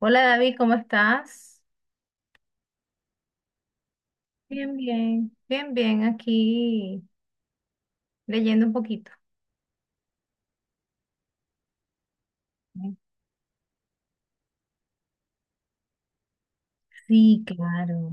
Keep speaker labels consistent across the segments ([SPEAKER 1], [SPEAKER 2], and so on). [SPEAKER 1] Hola David, ¿cómo estás? Bien, bien. Bien, bien, aquí leyendo un poquito. Sí, claro.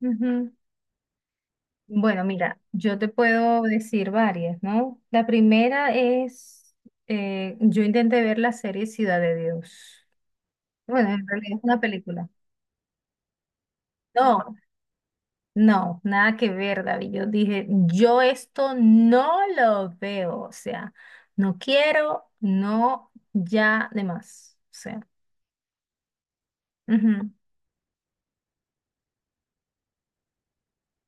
[SPEAKER 1] Ujú. Bueno, mira, yo te puedo decir varias, ¿no? Yo intenté ver la serie Ciudad de Dios. Bueno, en realidad es una película. No, no, nada que ver, David. Yo dije, yo esto no lo veo, o sea, no quiero, no, ya de más. O sea, ujú.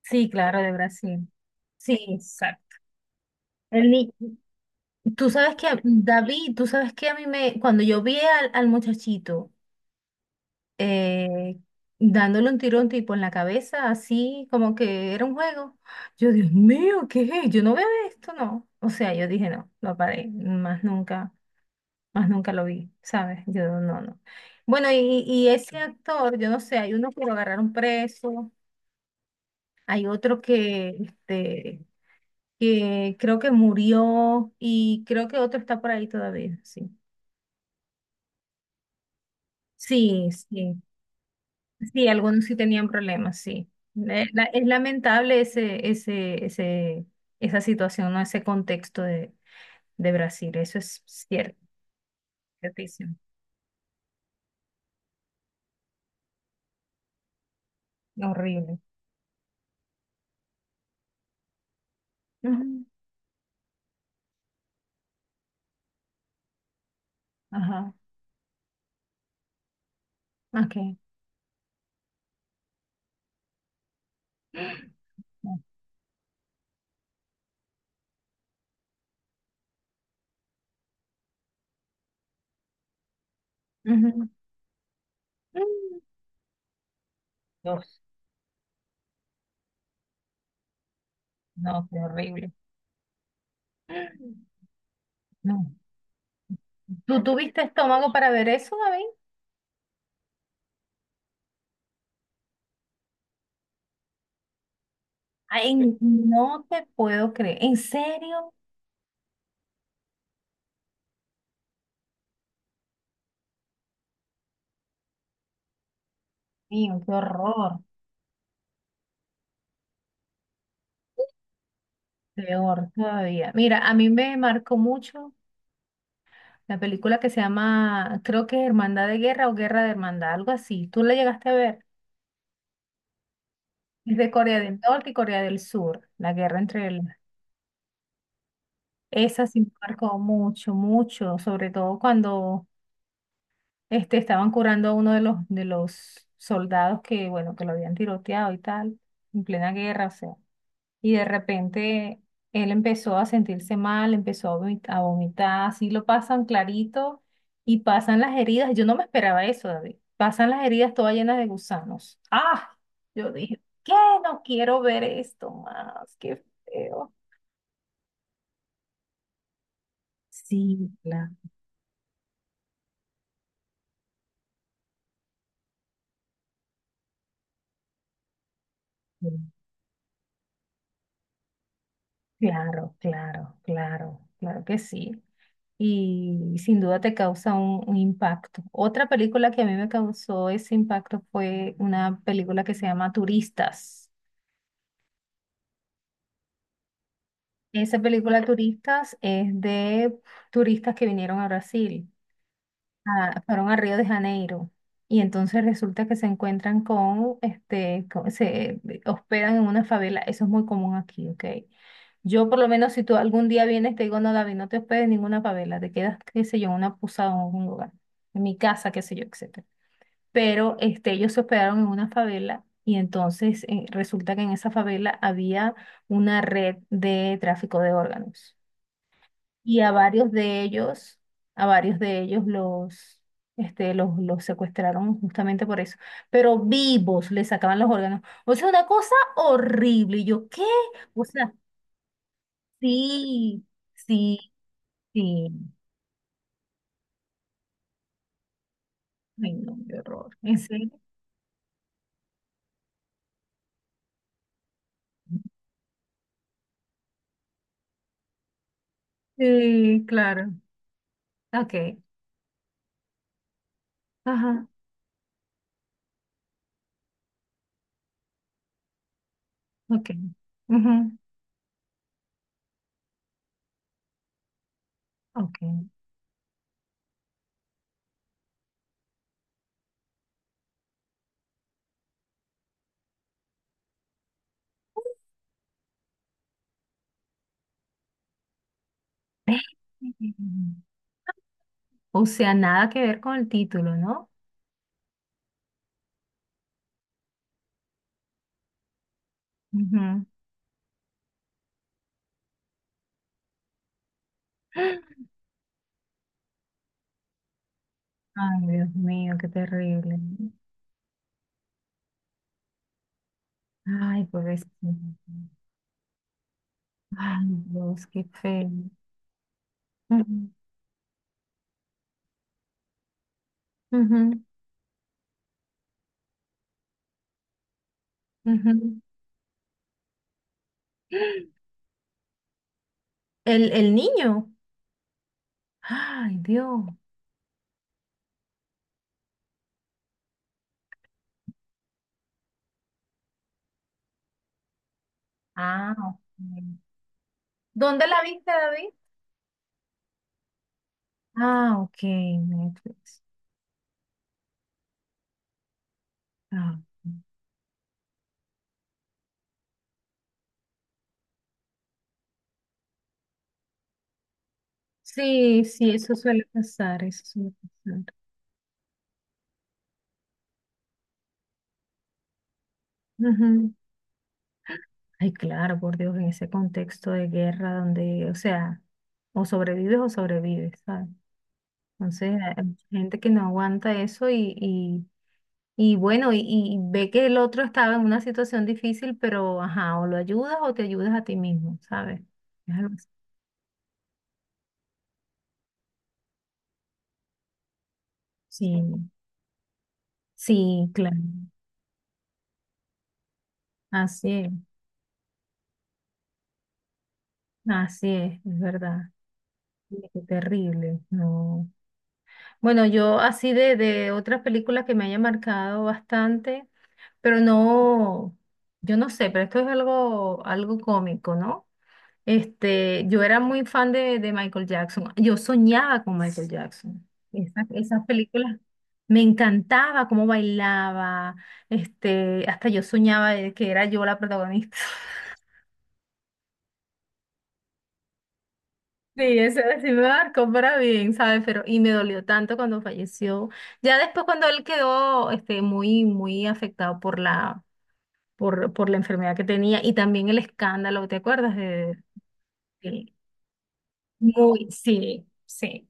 [SPEAKER 1] Sí, claro, de Brasil. Sí, exacto. El ni- Tú sabes que, David, tú sabes que a mí me, cuando yo vi al muchachito eh, dándole un tiro a un tipo en la cabeza, así como que era un juego. Yo, Dios mío, ¿qué es? Yo no veo esto, no. O sea, yo dije, no, lo paré, más nunca lo vi, ¿sabes? Yo, no, no. Bueno, y ese actor, yo no sé, hay uno que lo agarraron preso, hay otro que, que creo que murió, y creo que otro está por ahí todavía, sí. Sí, sí, sí, algunos sí tenían problemas, sí. Es lamentable esa situación, ¿no? Ese contexto de Brasil, eso es cierto, ciertísimo, horrible. Ujú, ajá, ok. No. Ujú. Mm, Dios, no, qué horrible. No. ¿Tú tuviste estómago para ver eso? Ay, no te puedo creer. ¿En serio? Mío, qué horror. Peor todavía. Mira, a mí me marcó mucho la película que se llama, creo que Hermandad de Guerra o Guerra de Hermandad, algo así. ¿Tú la llegaste a ver? Es de Corea del Norte y Corea del Sur, la guerra entre el... Esa sí me marcó mucho, mucho, sobre todo cuando estaban curando a uno de los soldados que, bueno, que lo habían tiroteado y tal, en plena guerra, o sea. Y de repente él empezó a sentirse mal, empezó a vomitar, así lo pasan clarito y pasan las heridas. Yo no me esperaba eso, David. Pasan las heridas todas llenas de gusanos. ¡Ah! Yo dije, ¿qué? No quiero ver esto más, qué feo. Sí, claro, claro, claro, claro, claro que sí. Y sin duda te causa un impacto. Otra película que a mí me causó ese impacto fue una película que se llama Turistas. Esa película Turistas es de turistas que vinieron a Brasil, fueron a Río de Janeiro, y entonces resulta que se encuentran con, se hospedan en una favela, eso es muy común aquí, ¿ok? Yo por lo menos, si tú algún día vienes te digo, no, David, no te hospedes en ninguna favela, te quedas, qué sé yo, en una posada o en un lugar, en mi casa, qué sé yo, etcétera. Pero este, ellos se hospedaron en una favela y entonces resulta que en esa favela había una red de tráfico de órganos y a varios de ellos, a varios de ellos los, los secuestraron justamente por eso, pero vivos les sacaban los órganos. O sea, una cosa horrible. Y yo, ¿qué? O sea, sí, sí, sí. Ay, no, qué horror. ¿En serio? Sí, claro. Ok. Ajá. Ok. Ujú, ok. Ve. O sea, nada que ver con el título, ¿no? Ujú. Ay, Dios mío, qué terrible. Ay, pues es que- Ay, Dios, qué feo. Ujú, ujú, ujú. El niño. Ay, Dios. Ah, ok. ¿Dónde la viste, David? Ah, ok, Netflix. Ah, ok. Sí, sí, eso suele pasar, eso suele pasar. Ujú. Ay, claro, por Dios, en ese contexto de guerra donde, o sea, o sobrevives, ¿sabes? Entonces, hay mucha gente que no aguanta eso. Y bueno, y ve que el otro estaba en una situación difícil, pero ajá, o lo ayudas o te ayudas a ti mismo, ¿sabes? Es algo así. Sí, sí, claro. Así es, así es verdad. Sí, qué terrible, no. Bueno, yo así de otras películas que me haya marcado bastante, pero no, yo no sé, pero esto es algo, algo cómico, ¿no? Este, yo era muy fan de Michael Jackson. Yo soñaba con Michael Jackson. Esas películas, me encantaba cómo bailaba. Este, hasta yo soñaba de que era yo la protagonista. Sí, eso sí me marcó para bien, ¿sabes? Pero, y me dolió tanto cuando falleció. Ya después cuando él quedó, este, muy, muy afectado por la enfermedad que tenía, y también el escándalo, ¿te acuerdas de- Muy, sí, sí.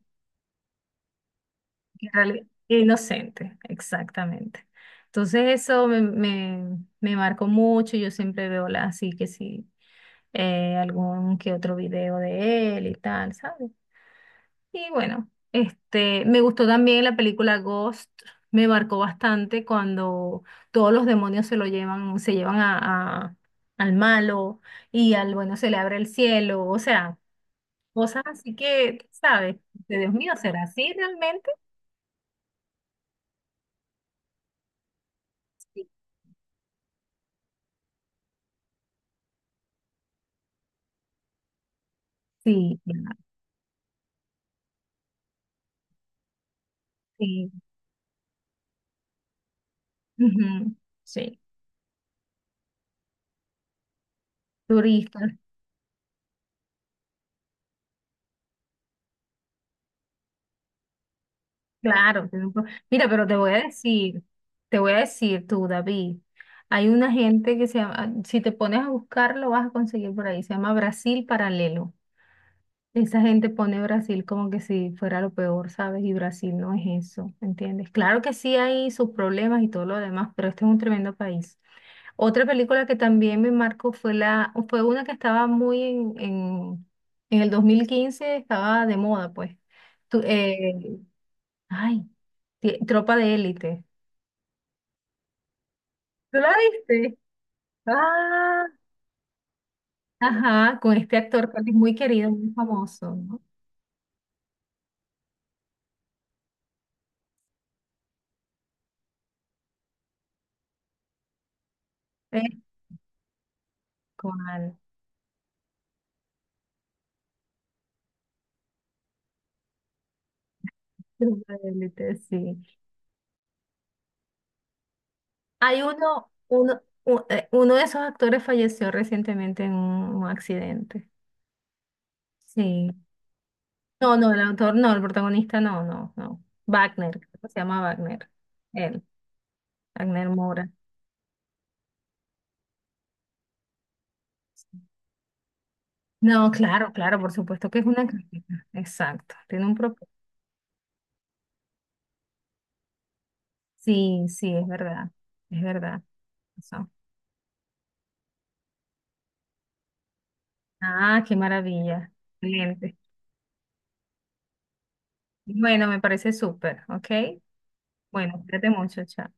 [SPEAKER 1] En realidad, inocente, exactamente. Entonces eso me, me marcó mucho, yo siempre veo así que sí, algún que otro video de él y tal, ¿sabes? Y bueno, este, me gustó también la película Ghost, me marcó bastante cuando todos los demonios se lo llevan, se llevan a, al malo, y al bueno se le abre el cielo, o sea, cosas así que, ¿sabes? De Dios mío, ¿será así realmente? Sí, sí. Claro, sí. Ujú, sí, turista, claro. Tiene un pro- Mira, pero te voy a decir, te voy a decir tú, David, hay una gente que se llama, si te pones a buscarlo vas a conseguir por ahí, se llama Brasil Paralelo. Esa gente pone Brasil como que si fuera lo peor, ¿sabes? Y Brasil no es eso, ¿entiendes? Claro que sí hay sus problemas y todo lo demás, pero este es un tremendo país. Otra película que también me marcó fue la, fue una que estaba muy en el 2015, estaba de moda, pues. Tu- eh, ay, Tropa de Élite. ¿Tú la viste? Ah, ajá, con este actor que es muy querido, muy famoso, ¿no? Eh, ¿Cuál? Tropa de Élite, sí. Hay uno de esos actores falleció recientemente en un accidente. Sí. No, no, el autor no, el protagonista no, no, no. Wagner, creo que se llama Wagner. Él, Wagner Mora. No, claro, claro, por supuesto que es una crítica. Exacto, tiene un propósito. Sí, sí, es verdad, es verdad. Eso. Ah, qué maravilla. Excelente. Bueno, me parece súper, ¿ok? Bueno, cuídate mucho, chao.